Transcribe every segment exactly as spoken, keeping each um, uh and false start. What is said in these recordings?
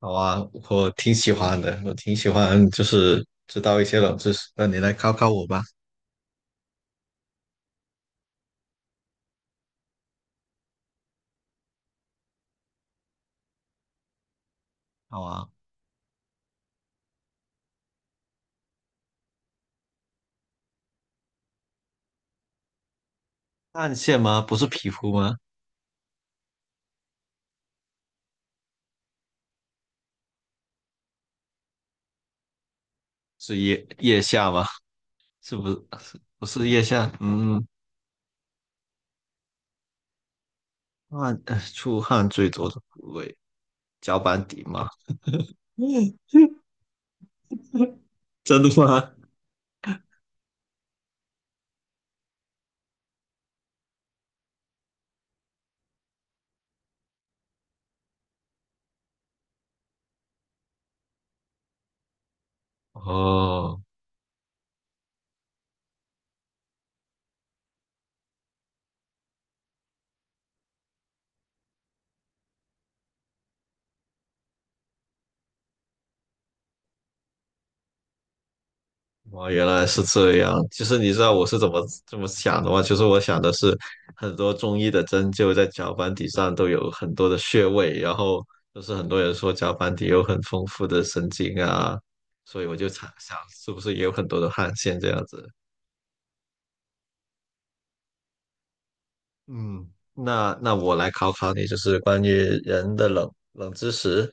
好啊，我挺喜欢的，我挺喜欢，就是知道一些冷知识。那你来考考我吧。好啊，汗腺吗？不是皮肤吗？是腋腋下吗？是不是？不是腋下？嗯，汗，呃出汗最多的部位，脚板底吗？真的吗？哦。哦，原来是这样。其实你知道我是怎么这么想的吗？其实我想的是，很多中医的针灸在脚板底上都有很多的穴位，然后就是很多人说脚板底有很丰富的神经啊，所以我就想想是不是也有很多的汗腺这样子。嗯，那那我来考考你，就是关于人的冷冷知识，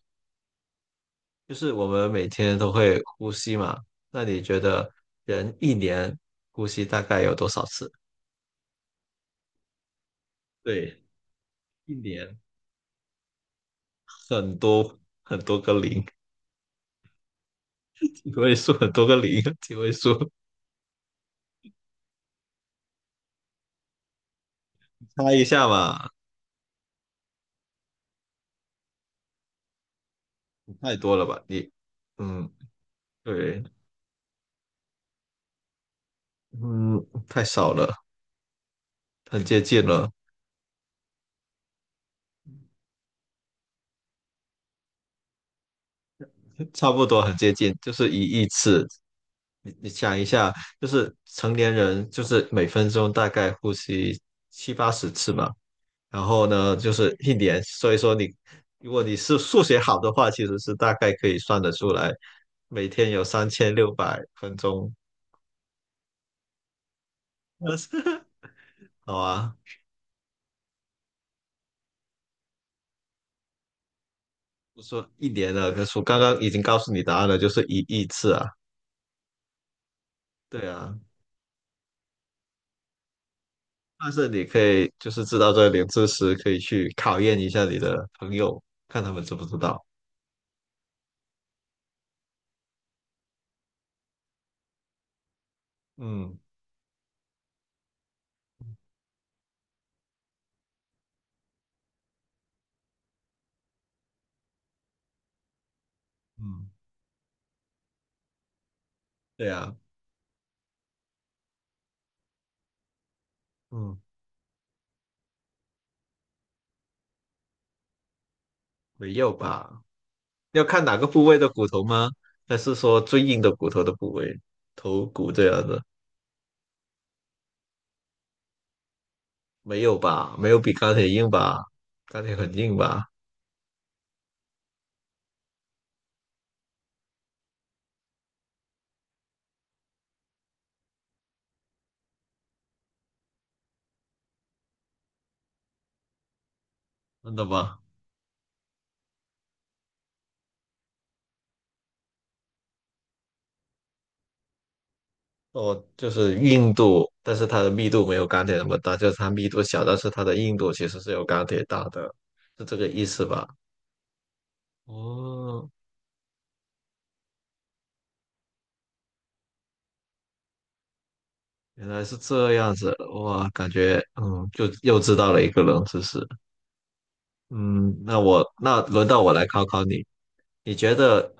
就是我们每天都会呼吸嘛，那你觉得人一年呼吸大概有多少次？对，一年。很多，很多个零，几位数，很多个零，几位数，猜一下嘛，太多了吧？你，嗯，对，嗯，太少了，很接近了，差不多很接近，就是一亿次。你你想一下，就是成年人就是每分钟大概呼吸七八十次嘛，然后呢，就是一年，所以说你如果你是数学好的话，其实是大概可以算得出来，每天有三千六百分钟。好啊，我说一年了，可是我刚刚已经告诉你答案了，就是一亿次啊。对啊，但是你可以就是知道这个冷知识，可以去考验一下你的朋友，看他们知不知道。嗯嗯，对啊，嗯，没有吧？要看哪个部位的骨头吗？还是说最硬的骨头的部位，头骨这样的？没有吧？没有比钢铁硬吧？钢铁很硬吧？真的吗？哦，就是硬度，但是它的密度没有钢铁那么大，就是它密度小，但是它的硬度其实是有钢铁大的，是这个意思吧？哦，原来是这样子，哇，感觉嗯，就又知道了一个冷知识。嗯，那我那轮到我来考考你，你觉得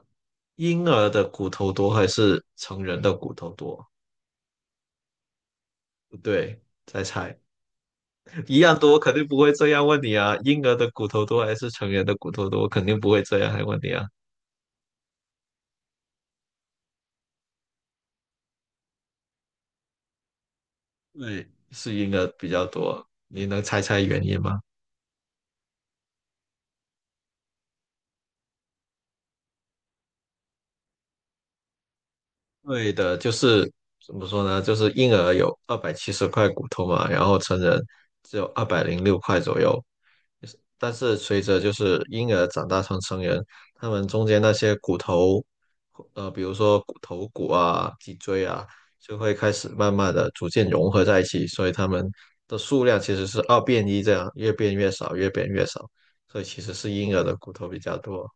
婴儿的骨头多还是成人的骨头多？不对，再猜，一样多，肯定不会这样问你啊。婴儿的骨头多还是成人的骨头多，肯定不会这样来问你啊。对是婴儿比较多，你能猜猜原因吗？对的，就是怎么说呢？就是婴儿有二百七十块骨头嘛，然后成人只有二百零六块左右。但是随着就是婴儿长大成成人，他们中间那些骨头，呃，比如说骨头骨啊、脊椎啊，就会开始慢慢的逐渐融合在一起，所以他们的数量其实是二变一这样，越变越少，越变越少。所以其实是婴儿的骨头比较多。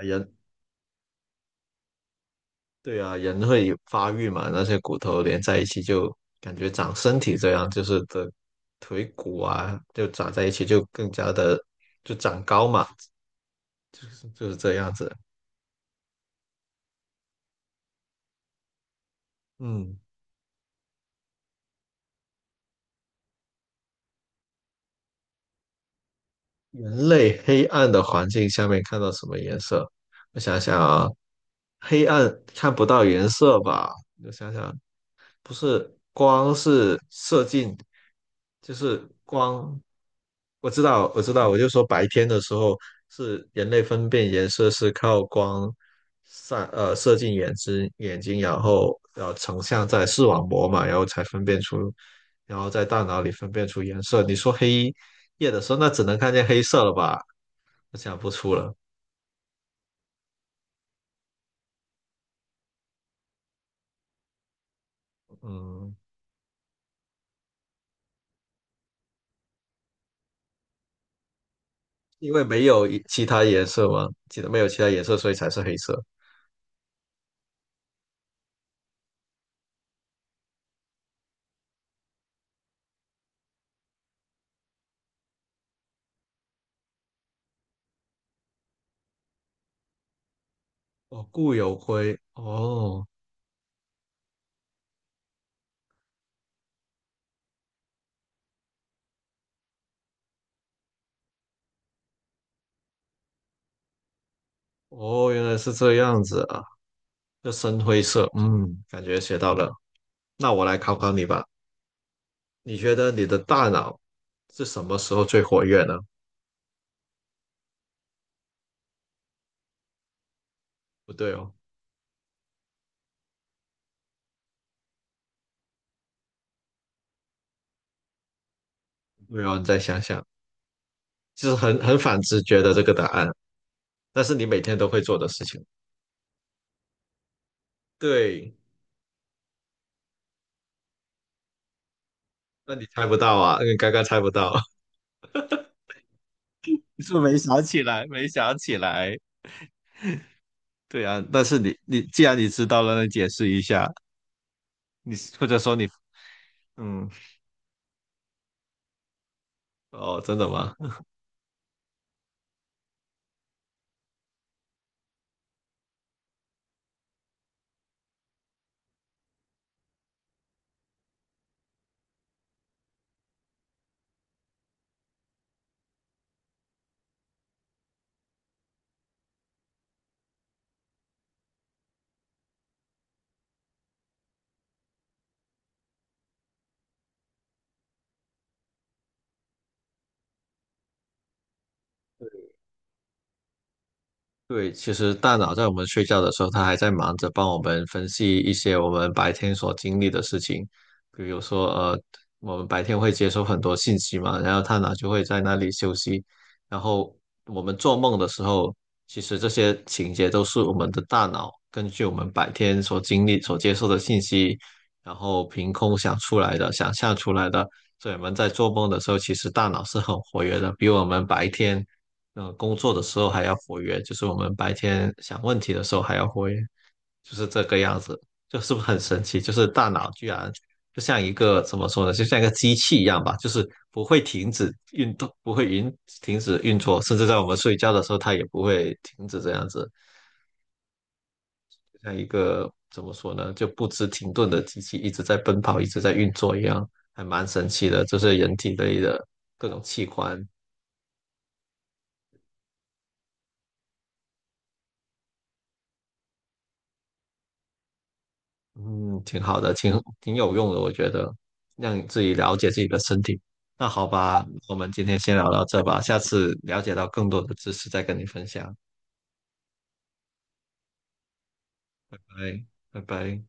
人。对啊，人会发育嘛，那些骨头连在一起就感觉长身体这样，就是的腿骨啊，就长在一起就更加的就长高嘛，就是就是这样子。嗯，人类黑暗的环境下面看到什么颜色？我想想啊，黑暗看不到颜色吧？我想想，不是光是射进，就是光。我知道，我知道，我就说白天的时候是人类分辨颜色是靠光散呃射进眼睛眼睛，然后呃成像在视网膜嘛，然后才分辨出，然后在大脑里分辨出颜色。你说黑夜的时候，那只能看见黑色了吧？我想不出了，嗯，因为没有一其他颜色嘛，记得没有其他颜色，所以才是黑色。哦，固有灰，哦哦，原来是这样子啊，就深灰色，嗯，感觉学到了。那我来考考你吧，你觉得你的大脑是什么时候最活跃呢？不对哦，没有，你再想想，就是很很反直觉的这个答案，但是你每天都会做的事情。对，那你猜不到啊，你刚刚猜不到，你是不是没想起来？没想起来。对啊，但是你你既然你知道了，那你解释一下，你或者说你嗯，哦，真的吗？对，其实大脑在我们睡觉的时候，它还在忙着帮我们分析一些我们白天所经历的事情，比如说，呃，我们白天会接收很多信息嘛，然后大脑就会在那里休息，然后我们做梦的时候，其实这些情节都是我们的大脑根据我们白天所经历、所接受的信息，然后凭空想出来的、想象出来的，所以我们在做梦的时候，其实大脑是很活跃的，比我们白天。呃，工作的时候还要活跃，就是我们白天想问题的时候还要活跃，就是这个样子，就是不是很神奇？就是大脑居然就像一个怎么说呢，就像一个机器一样吧，就是不会停止运动，不会运停止运作，甚至在我们睡觉的时候，它也不会停止这样子，像一个怎么说呢，就不知停顿的机器一直在奔跑，一直在运作一样，还蛮神奇的，就是人体内的各种器官嗯，挺好的，挺挺有用的，我觉得让你自己了解自己的身体。那好吧，我们今天先聊到这吧，下次了解到更多的知识再跟你分享。拜拜，拜拜。